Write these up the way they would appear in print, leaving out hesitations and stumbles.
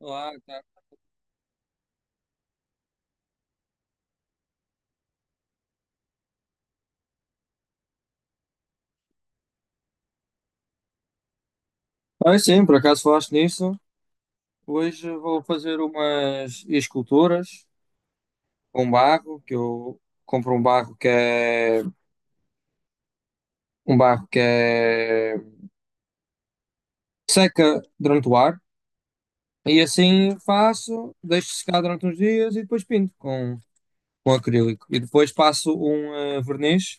Olá, tá. Ah, sim, por acaso falaste nisso. Hoje vou fazer umas esculturas com barro, que eu compro um barro que é um barro que é seca durante o ar e assim faço, deixo secar durante uns dias e depois pinto com acrílico. E depois passo um verniz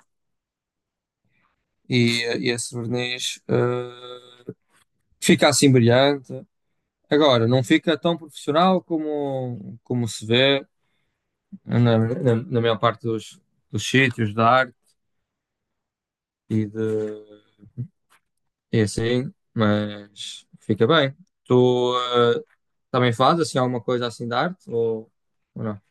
e esse verniz fica assim brilhante. Agora, não fica tão profissional como, como se vê na maior parte dos sítios da arte e, de, e assim, mas fica bem. Tu eh, também fazes assim, alguma coisa assim de arte ou não?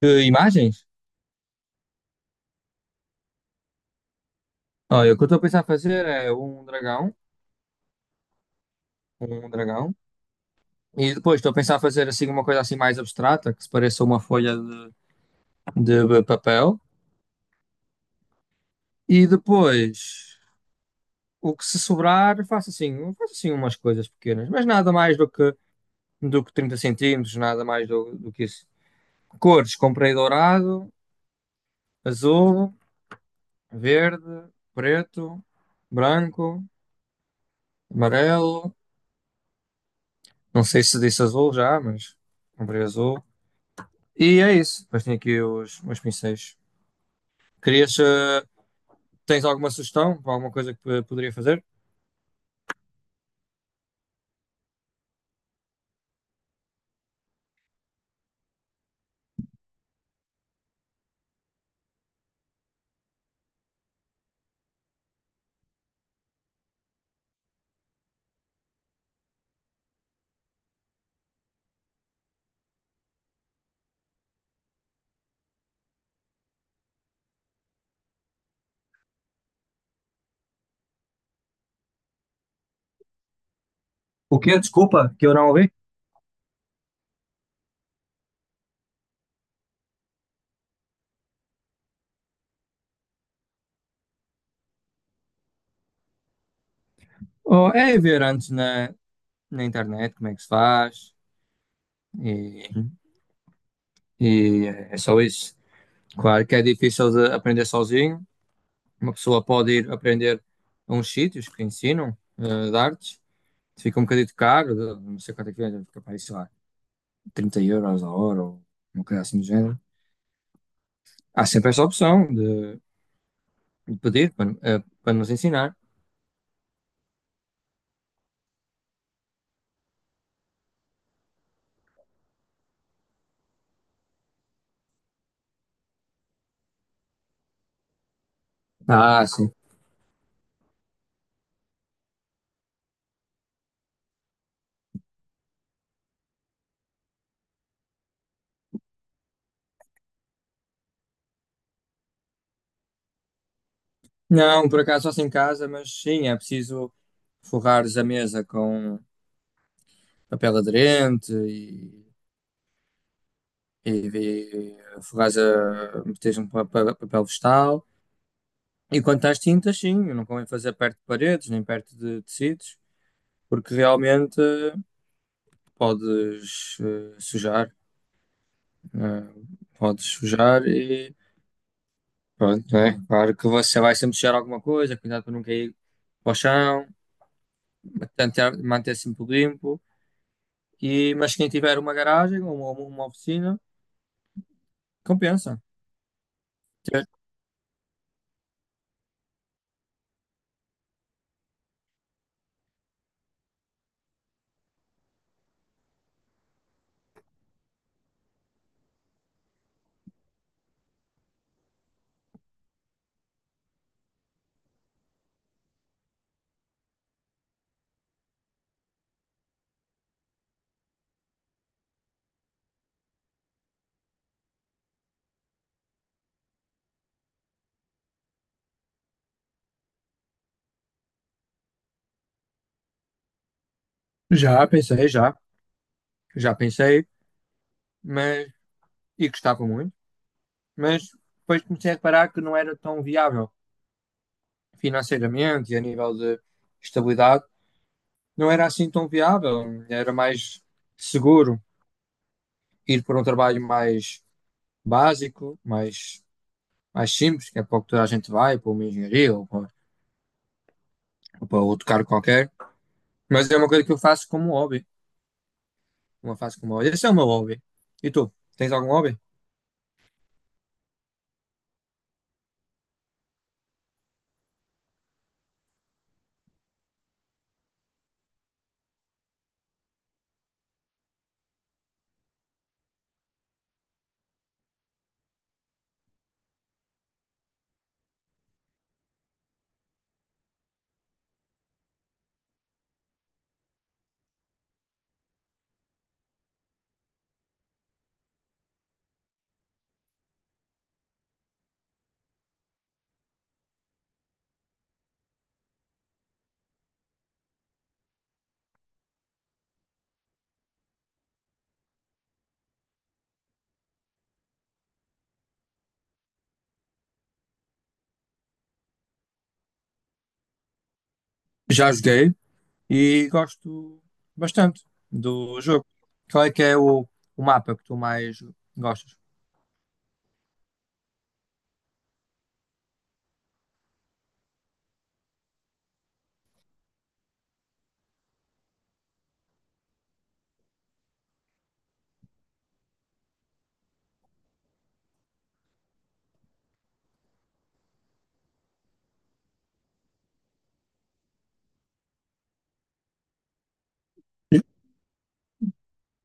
Que imagens? Olha, o que eu estou a pensar fazer é um dragão, e depois estou a pensar fazer assim uma coisa assim mais abstrata, que se pareça uma folha de papel, e depois o que se sobrar faço assim umas coisas pequenas, mas nada mais do que 30 centímetros, nada mais do que isso. Cores, comprei dourado, azul, verde, preto, branco, amarelo. Não sei se disse azul já, mas comprei azul. E é isso. Depois tenho aqui os meus pincéis. Querias, eh, Tens alguma sugestão para alguma coisa que poderia fazer? O quê? Desculpa, que eu não ouvi. Oh, é ver antes na internet como é que se faz e, e é só isso. Claro que é difícil de aprender sozinho, uma pessoa pode ir aprender a uns sítios que ensinam de artes, fica um bocadinho caro, não sei quanto é que é, fica para aí, sei lá, 30 euros a hora ou uma coisa assim do género. Há sempre essa opção de pedir para, para nos ensinar. Ah, sim. Não, por acaso faço em casa, mas sim, é preciso forrares a mesa com papel aderente e, e forrares a, meteres um papel, papel vegetal. E quanto às tintas, sim, não convém fazer perto de paredes, nem perto de tecidos, porque realmente podes sujar, né? Podes sujar e pronto, né? Claro que você vai sempre sujar alguma coisa, cuidado para não cair para o chão, tentar manter sempre tudo limpo. E, mas quem tiver uma garagem ou uma oficina, compensa. Já pensei, já, já pensei, mas e gostava muito, mas depois comecei a reparar que não era tão viável financeiramente e a nível de estabilidade não era assim tão viável, era mais seguro ir para um trabalho mais básico, mais, mais simples, que é para o que toda a gente vai, para uma engenharia ou para outro cargo qualquer. Mas é uma coisa que eu faço como hobby, uma faço como hobby. Esse é o meu hobby. E tu, tens algum hobby? Já joguei e gosto bastante do jogo. Qual é que é o mapa que tu mais gostas?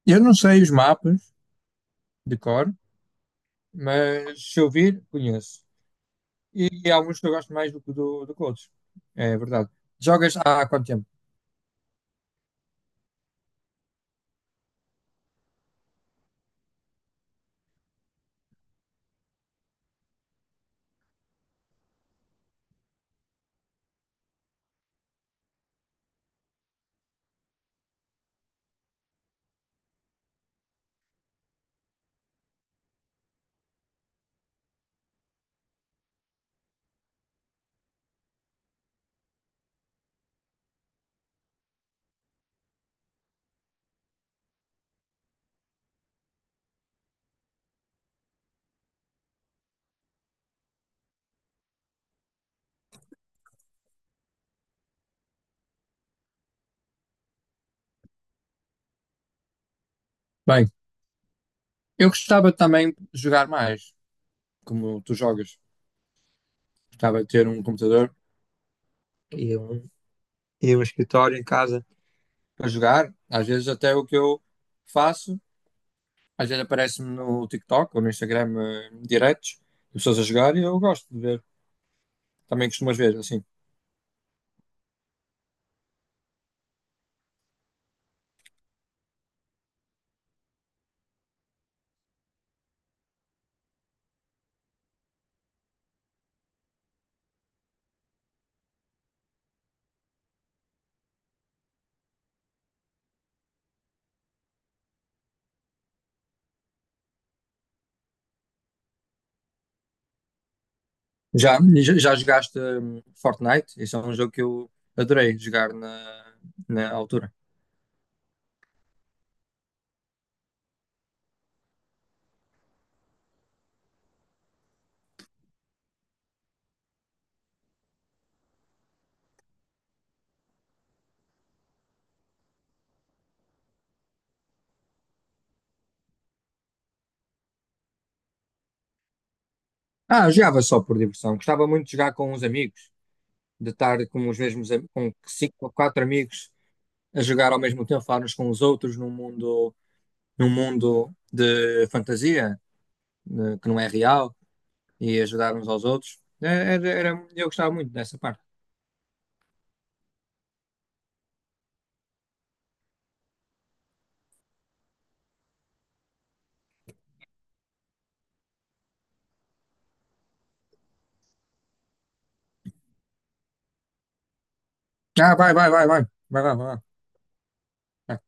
Eu não sei os mapas de cor, mas se eu vir, conheço. E há alguns que eu gosto mais do que do que outros. É verdade. Jogas há quanto tempo? Bem, eu gostava também de jogar mais, como tu jogas. Gostava de ter um computador e um, e um escritório em casa para jogar. Às vezes até o que eu faço, às vezes aparece-me no TikTok ou no Instagram diretos, de pessoas a jogar e eu gosto de ver. Também costumas ver, assim. Já, já, já jogaste Fortnite? Esse é um jogo que eu adorei jogar na, na altura. Ah, eu jogava só por diversão. Gostava muito de jogar com uns amigos, de estar com os mesmos, com cinco ou quatro amigos a jogar ao mesmo tempo, a falar uns com os outros num mundo de fantasia, né, que não é real, e ajudar uns aos outros. É, eu gostava muito dessa parte. Ah, vai, vai, vai, vai. Vai, vai, vai, vai. Vai,